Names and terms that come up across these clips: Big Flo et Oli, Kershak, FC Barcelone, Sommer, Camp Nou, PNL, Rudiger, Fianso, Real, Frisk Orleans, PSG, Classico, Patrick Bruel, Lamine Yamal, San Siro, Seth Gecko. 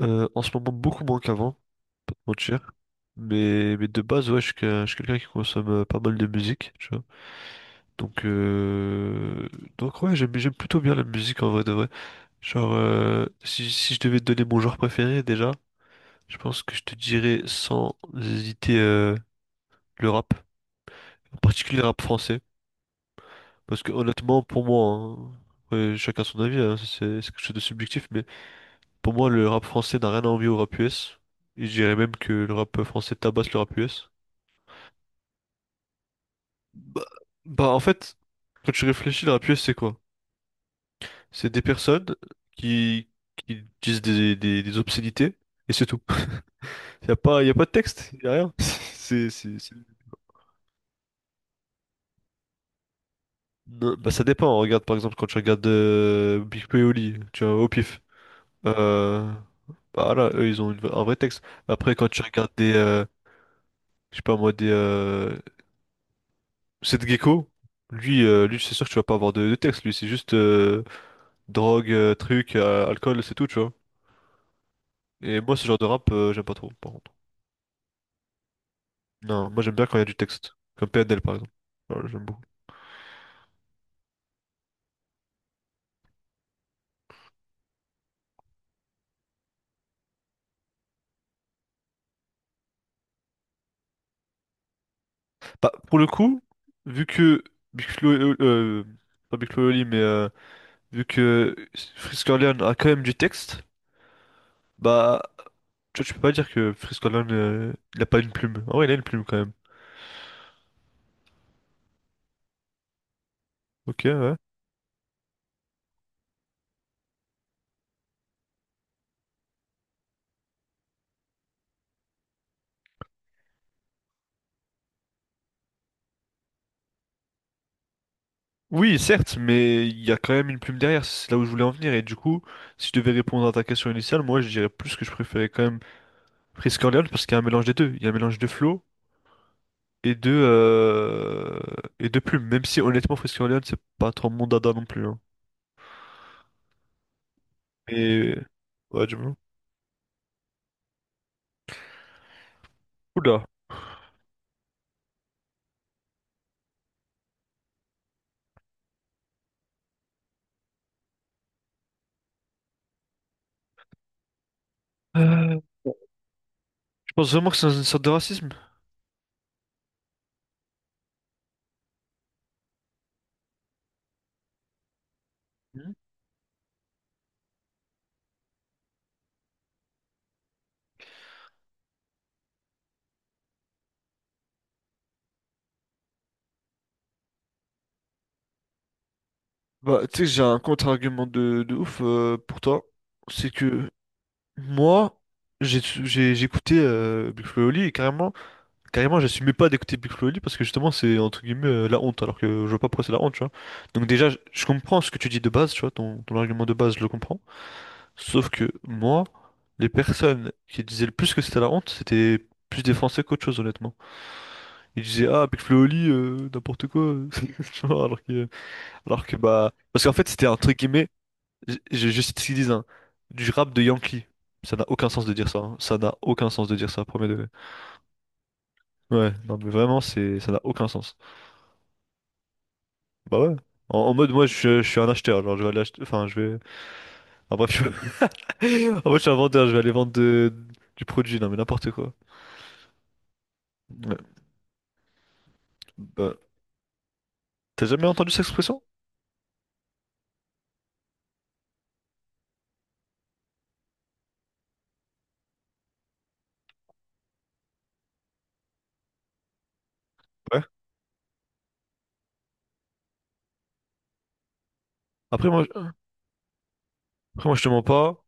En ce moment, beaucoup moins qu'avant, pas te mentir. Mais de base, ouais, je suis quelqu'un qui consomme pas mal de musique, tu vois. Donc, euh, donc ouais, j'aime plutôt bien la musique en vrai de vrai. Genre, si je devais te donner mon genre préféré déjà, je pense que je te dirais sans hésiter le rap, en particulier le rap français. Parce que honnêtement, pour moi, hein, ouais, chacun son avis, hein, c'est quelque chose de subjectif, mais pour moi, le rap français n'a rien à envier au rap US. Et je dirais même que le rap français tabasse le rap US. Bah, bah, en fait, quand tu réfléchis, la pièce, c'est quoi? C'est des personnes qui, qui disent des obscénités et c'est tout. Y a pas de texte, y a rien. Non, bah, ça dépend. Regarde, par exemple, quand tu regardes Big Flo et Oli, tu vois, au pif. Euh, Bah, là, eux, ils ont un vrai texte. Après, quand tu regardes des, je sais pas moi, des, Seth Gecko, lui, c'est sûr que tu vas pas avoir de texte. Lui, c'est juste drogue, truc, alcool, c'est tout, tu vois. Et moi, ce genre de rap, j'aime pas trop, par contre. Non, moi j'aime bien quand il y a du texte. Comme PNL, par exemple. Voilà, j'aime beaucoup. Bah, pour le coup, vu que Big Flo, pas Big Flo et Oli, vu que Frisk Orleans a quand même du texte, bah, tu vois, tu peux pas dire que Frisk Orleans, il a pas une plume. Ah ouais, il a une plume quand même. Ok, ouais. Oui, certes, mais il y a quand même une plume derrière, c'est là où je voulais en venir. Et du coup, si je devais répondre à ta question initiale, moi je dirais plus que je préférais quand même Frisk Orleans parce qu'il y a un mélange des deux. Il y a un mélange de flow et de euh, et de plume. Même si honnêtement, Frisk Orleans, c'est pas trop mon dada non plus. Hein. Mais ouais, du moins. Oula. Euh, Je pense vraiment que c'est une sorte de racisme. Mhm. Bah, tu sais, j'ai un contre-argument de ouf pour toi. C'est que moi, j'ai écouté Big Flo et Oli et carrément, carrément, j'assumais pas d'écouter Big Flo et Oli parce que justement, c'est entre guillemets la honte, alors que je vois pas pourquoi c'est la honte, tu vois. Donc, déjà, je comprends ce que tu dis de base, tu vois, ton argument de base, je le comprends. Sauf que moi, les personnes qui disaient le plus que c'était la honte, c'était plus des Français qu'autre chose, honnêtement. Ils disaient, ah, Big Flo et Oli, n'importe quoi. Tu vois. Alors que, bah. Parce qu'en fait, c'était entre guillemets, je cite ce qu'ils disent, hein, du rap de Yankee. Ça n'a aucun sens de dire ça. Hein. Ça n'a aucun sens de dire ça, premier degré. Ouais, non, mais vraiment, ça n'a aucun sens. Bah ouais. En mode, moi, je suis un acheteur. Genre, je vais aller acheter. Enfin, je vais. Ah, bref, je... En mode, je suis un vendeur. Je vais aller vendre du produit. Non, mais n'importe quoi. Ouais. Bah. T'as jamais entendu cette expression? Ouais. Après moi, je- après moi je te mens pas.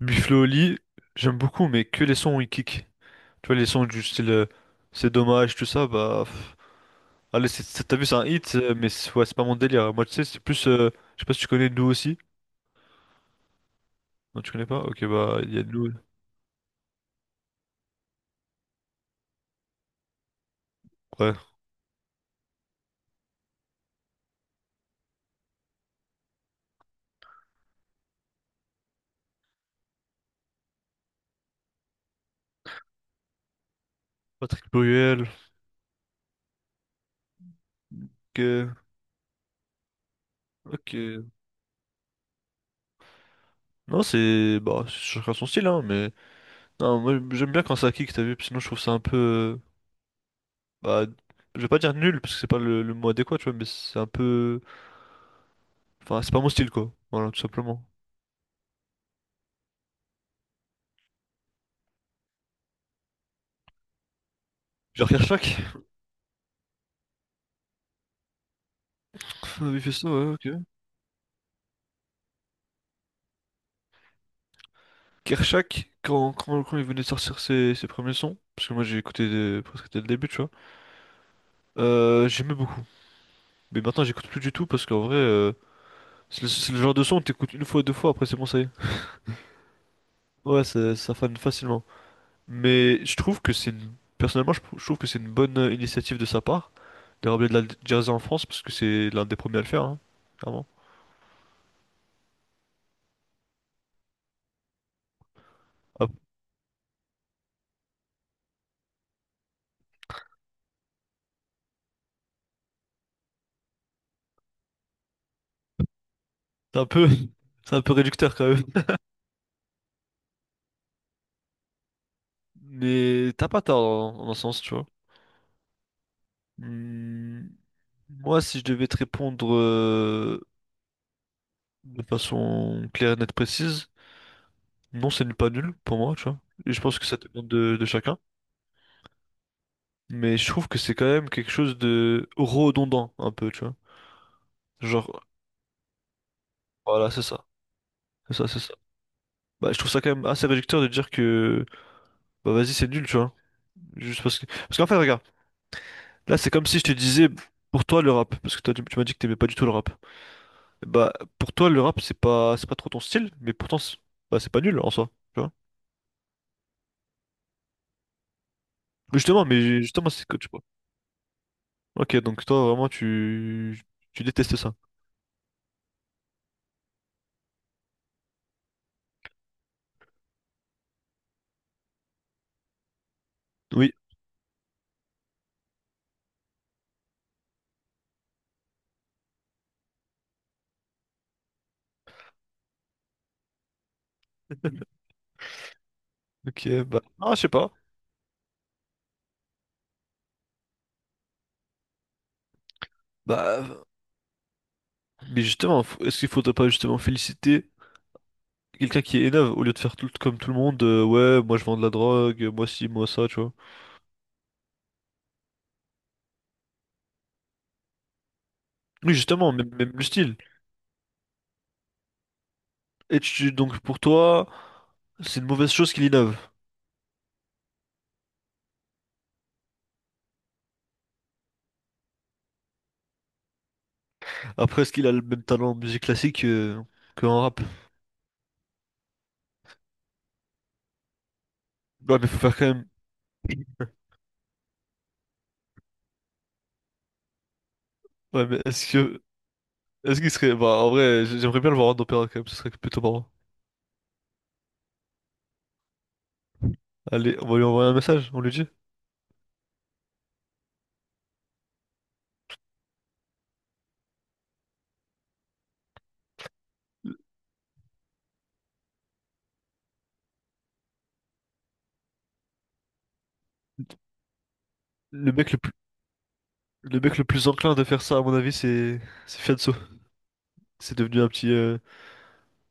Buffalo au lit, j'aime beaucoup, mais que les sons où il kick. Tu vois, les sons du style c'est dommage, tout ça, bah. Pff. Allez, t'as vu, c'est un hit, mais c'est ouais, c'est pas mon délire. Moi, tu sais, c'est plus. Je sais pas si tu connais Nous aussi. Non, tu connais pas? Ok, bah, il y a Nous. Ouais. Patrick Bruel. Ok. Ok. Non, c'est. Bah, chacun son style, hein, mais. Non, moi, j'aime bien quand ça kick, t'as vu, sinon je trouve ça un peu. Bah, je vais pas dire nul, parce que c'est pas le mot adéquat, tu vois, mais c'est un peu. Enfin, c'est pas mon style, quoi. Voilà, tout simplement. Genre Kershak, on avait fait ça, ouais, ok. Kershak, quand il venait de sortir ses premiers sons, parce que moi j'ai écouté presque dès le début, tu vois, j'aimais beaucoup. Mais maintenant j'écoute plus du tout parce qu'en vrai, c'est le genre de son que t'écoutes une fois, deux fois, après c'est bon, ça y est. Ouais, ça fane facilement. Mais je trouve que c'est une... Personnellement, je trouve que c'est une bonne initiative de sa part de ramener de la jazz en France parce que c'est l'un des premiers à le faire, hein, clairement. Ah, C'est un peu, c'est un peu réducteur quand même. Mais t'as pas tort dans un sens, tu vois. Hmm, Moi, si je devais te répondre de façon claire et nette précise, non, c'est nul pas nul pour moi, tu vois. Et je pense que ça dépend de chacun. Mais je trouve que c'est quand même quelque chose de redondant, un peu, tu vois. Genre, voilà, c'est ça. C'est ça, c'est ça. Bah, je trouve ça quand même assez réducteur de dire que, bah, vas-y, c'est nul, tu vois. Juste parce que. Parce qu'en fait, regarde, là, c'est comme si je te disais, pour toi, le rap. Parce que toi, tu m'as dit que t'aimais pas du tout le rap. Bah, pour toi, le rap, c'est pas trop ton style, mais pourtant, c'est bah, c'est pas nul en soi, tu vois. Mais justement, c'est que tu vois. Ok, donc toi, vraiment, tu détestes ça. Oui. Ok, bah, ah, je sais pas. Bah, mais justement, est-ce qu'il faudrait pas justement féliciter quelqu'un qui innove au lieu de faire tout comme tout le monde, ouais, moi je vends de la drogue, moi ci, moi ça, tu vois. Oui, justement, même le style. Et donc pour toi, c'est une mauvaise chose qu'il innove. Après, est-ce qu'il a le même talent en musique classique qu'en rap? Ouais, mais faut faire quand même. Ouais, mais est-ce que. Est-ce qu'il serait. Bah, en vrai, j'aimerais bien le voir en opéra quand même, ce serait plutôt marrant. Allez, on va lui envoyer un message, on lui dit. Le le mec le plus, le mec le plus enclin de faire ça, à mon avis, c'est. C'est Fianso. C'est devenu un petit.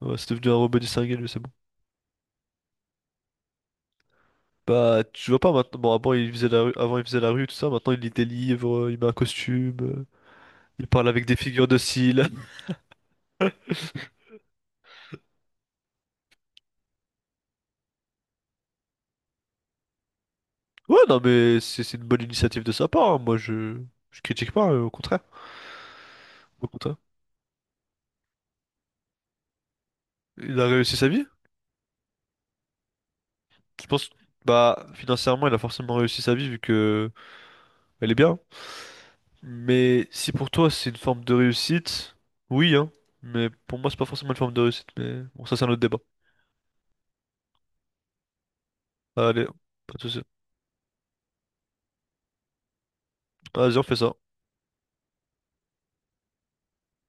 Ouais, c'est devenu un robot distingué, lui, c'est bon. Bah, tu vois pas maintenant. Bon, avant, il faisait la rue, avant, il faisait la rue, tout ça. Maintenant, il lit des livres, il met un costume, il parle avec des figures de style. Ouais, non, mais c'est une bonne initiative de sa part, hein. Moi, je. Je critique pas, au contraire. Au contraire. Il a réussi sa vie. Je pense, bah, financièrement, elle a forcément réussi sa vie vu que elle est bien. Mais si pour toi c'est une forme de réussite, oui, hein. Mais pour moi, c'est pas forcément une forme de réussite. Mais bon, ça, c'est un autre débat. Allez, pas de soucis. Vas-y, on fait ça.